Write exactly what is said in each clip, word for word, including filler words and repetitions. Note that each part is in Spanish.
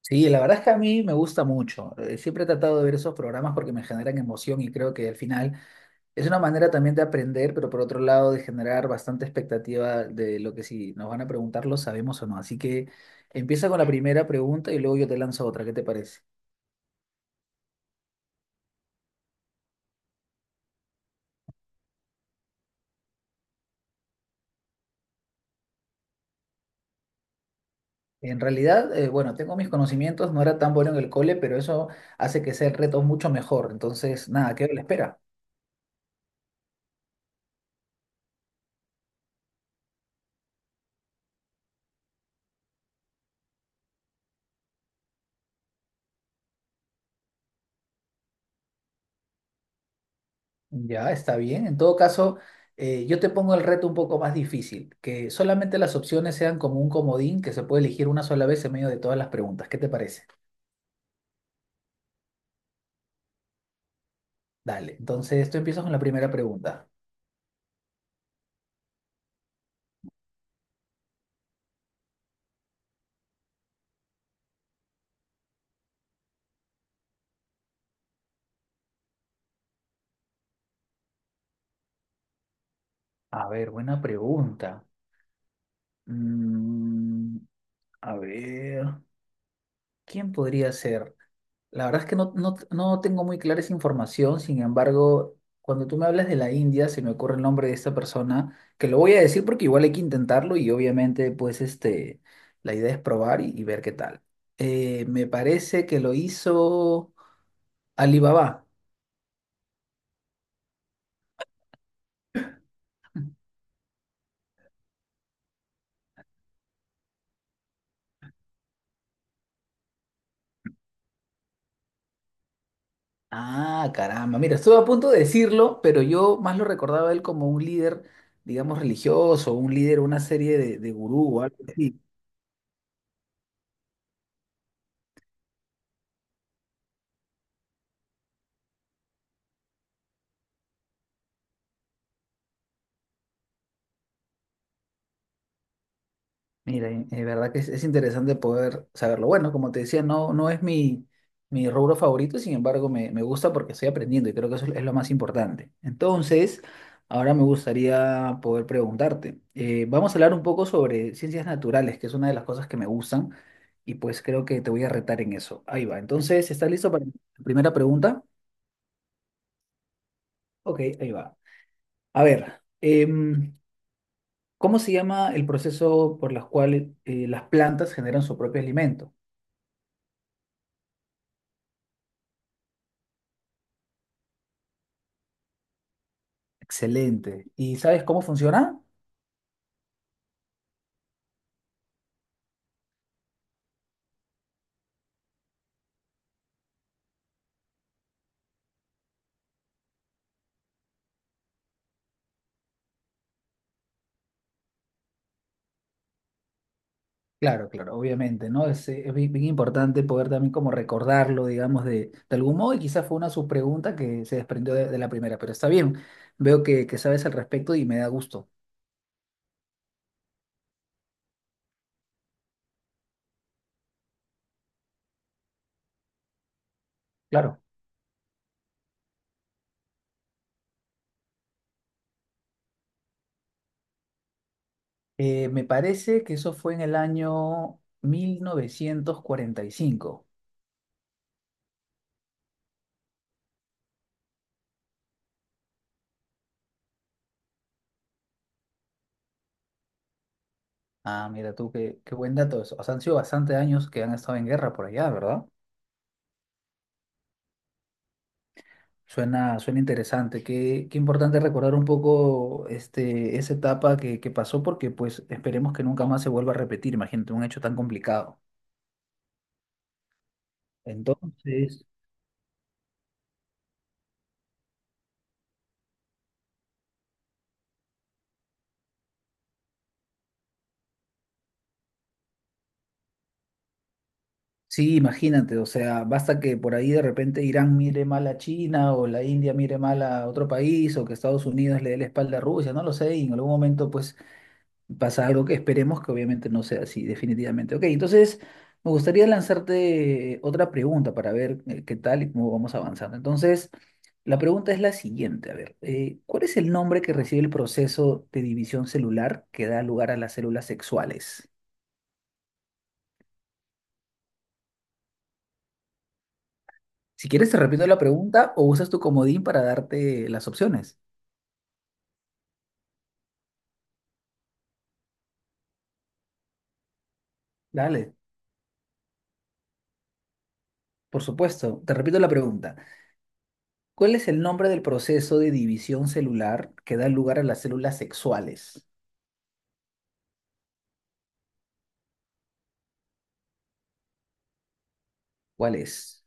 Sí, la verdad es que a mí me gusta mucho. Eh, Siempre he tratado de ver esos programas porque me generan emoción y creo que al final es una manera también de aprender, pero por otro lado de generar bastante expectativa de lo que si nos van a preguntar lo sabemos o no. Así que empieza con la primera pregunta y luego yo te lanzo otra. ¿Qué te parece? En realidad, eh, bueno, tengo mis conocimientos, no era tan bueno en el cole, pero eso hace que sea el reto mucho mejor. Entonces, nada, quedo a la espera. Ya, está bien. En todo caso, eh, yo te pongo el reto un poco más difícil, que solamente las opciones sean como un comodín que se puede elegir una sola vez en medio de todas las preguntas. ¿Qué te parece? Dale, entonces tú empiezas con la primera pregunta. A ver, buena pregunta. Mm, a ver. ¿Quién podría ser? La verdad es que no, no, no tengo muy clara esa información, sin embargo, cuando tú me hablas de la India, se me ocurre el nombre de esta persona, que lo voy a decir porque igual hay que intentarlo y obviamente pues este, la idea es probar y, y ver qué tal. Eh, me parece que lo hizo Alibaba. Ah, caramba, mira, estuve a punto de decirlo, pero yo más lo recordaba a él como un líder, digamos, religioso, un líder, una serie de, de gurú o algo así. Mira, es verdad que es, es interesante poder saberlo. Bueno, como te decía, no, no es mi, mi rubro favorito, sin embargo, me, me gusta porque estoy aprendiendo y creo que eso es lo más importante. Entonces, ahora me gustaría poder preguntarte. Eh, vamos a hablar un poco sobre ciencias naturales, que es una de las cosas que me gustan, y pues creo que te voy a retar en eso. Ahí va. Entonces, ¿estás listo para la primera pregunta? Ok, ahí va. A ver, em, ¿cómo se llama el proceso por el cual eh, las plantas generan su propio alimento? Excelente. ¿Y sabes cómo funciona? Claro, claro, obviamente, ¿no? Es, eh, es bien, bien importante poder también como recordarlo, digamos, de, de algún modo, y quizás fue una subpregunta que se desprendió de, de la primera, pero está bien, veo que, que sabes al respecto y me da gusto. Claro. Eh, me parece que eso fue en el año mil novecientos cuarenta y cinco. Ah, mira tú, qué, qué buen dato eso. O sea, han sido bastantes años que han estado en guerra por allá, ¿verdad? Suena, suena interesante. Qué, qué importante recordar un poco este, esa etapa que, que pasó porque pues esperemos que nunca más se vuelva a repetir, imagínate, un hecho tan complicado. Entonces, sí, imagínate, o sea, basta que por ahí de repente Irán mire mal a China o la India mire mal a otro país o que Estados Unidos le dé la espalda a Rusia, no lo sé, y en algún momento pues pasa algo que esperemos que obviamente no sea así, definitivamente. Ok, entonces me gustaría lanzarte eh, otra pregunta para ver eh, qué tal y cómo vamos avanzando. Entonces, la pregunta es la siguiente, a ver, eh, ¿cuál es el nombre que recibe el proceso de división celular que da lugar a las células sexuales? Si quieres, te repito la pregunta o usas tu comodín para darte las opciones. Dale, por supuesto, te repito la pregunta. ¿Cuál es el nombre del proceso de división celular que da lugar a las células sexuales? ¿Cuál es?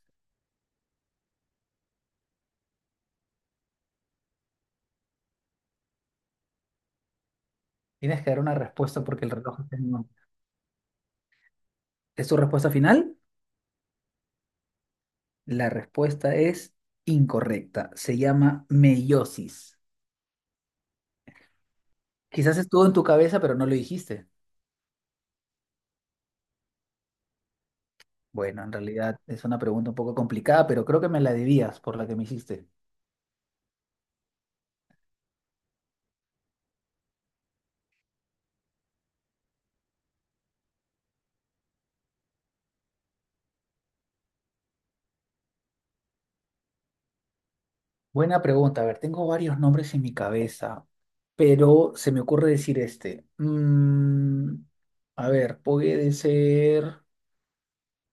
Tienes que dar una respuesta porque el reloj está en mano. ¿Es tu respuesta final? La respuesta es incorrecta. Se llama meiosis. Quizás estuvo en tu cabeza, pero no lo dijiste. Bueno, en realidad es una pregunta un poco complicada, pero creo que me la debías por la que me hiciste. Buena pregunta. A ver, tengo varios nombres en mi cabeza, pero se me ocurre decir este. Mm, a ver, puede ser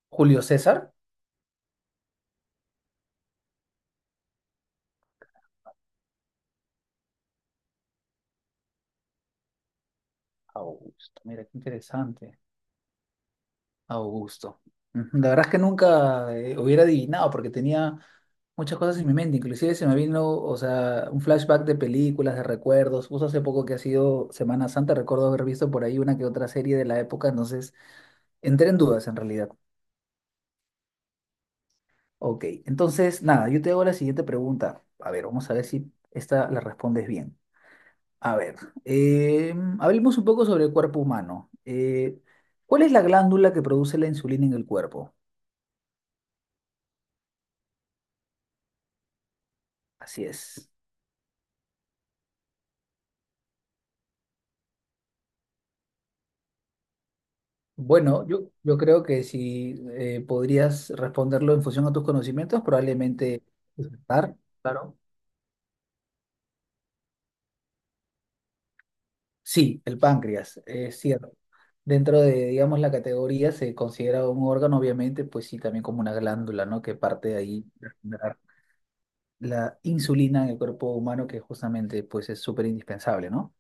Julio César. Augusto, mira, qué interesante. Augusto. Ujú, la verdad es que nunca eh, hubiera adivinado porque tenía muchas cosas en mi mente. Inclusive se me vino, o sea, un flashback de películas, de recuerdos. Justo hace poco que ha sido Semana Santa, recuerdo haber visto por ahí una que otra serie de la época. Entonces, entré en dudas en realidad. Ok, entonces, nada, yo te hago la siguiente pregunta. A ver, vamos a ver si esta la respondes bien. A ver, em, hablemos un poco sobre el cuerpo humano. Eh, ¿cuál es la glándula que produce la insulina en el cuerpo? Así es. Bueno, yo, yo creo que si eh, podrías responderlo en función a tus conocimientos, probablemente estar, claro. Sí, el páncreas, es cierto. Dentro de, digamos, la categoría se considera un órgano, obviamente, pues sí, también como una glándula, ¿no? Que parte de ahí para generar la insulina en el cuerpo humano, que justamente, pues es súper indispensable, ¿no?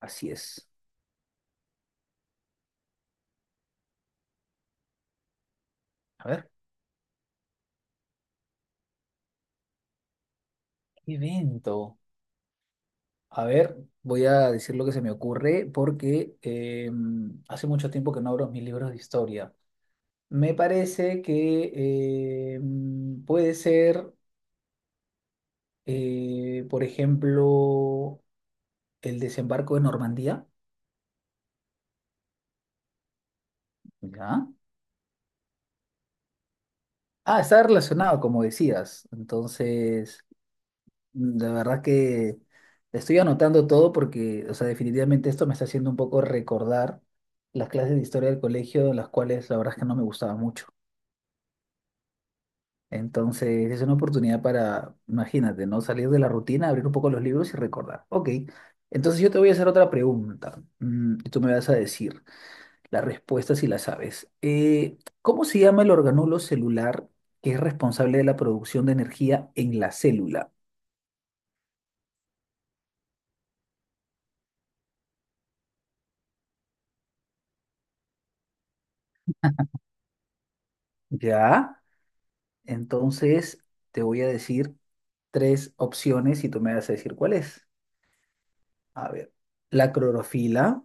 Así es. A ver, ¿qué evento? A ver, voy a decir lo que se me ocurre porque eh, hace mucho tiempo que no abro mis libros de historia. Me parece que eh, puede ser, eh, por ejemplo, el desembarco de Normandía. ¿Ya? Ah, está relacionado, como decías. Entonces, la verdad que estoy anotando todo porque, o sea, definitivamente esto me está haciendo un poco recordar las clases de historia del colegio, las cuales la verdad es que no me gustaban mucho. Entonces es una oportunidad para, imagínate, ¿no? Salir de la rutina, abrir un poco los libros y recordar. Ok, entonces yo te voy a hacer otra pregunta mm, y tú me vas a decir la respuesta si la sabes. Eh, ¿cómo se llama el organulo celular que es responsable de la producción de energía en la célula? ¿Ya? Entonces te voy a decir tres opciones y tú me vas a decir cuál es. A ver, la clorofila,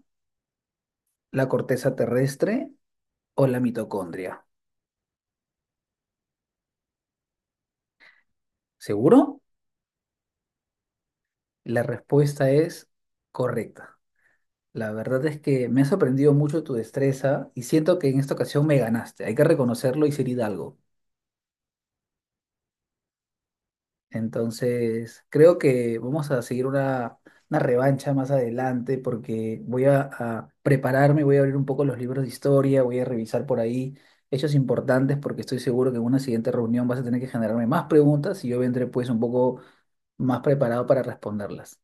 la corteza terrestre o la mitocondria. ¿Seguro? La respuesta es correcta. La verdad es que me ha sorprendido mucho tu destreza y siento que en esta ocasión me ganaste. Hay que reconocerlo y ser hidalgo. Entonces, creo que vamos a seguir una, una revancha más adelante porque voy a, a prepararme, voy a abrir un poco los libros de historia, voy a revisar por ahí hechos importantes porque estoy seguro que en una siguiente reunión vas a tener que generarme más preguntas y yo vendré pues un poco más preparado para responderlas.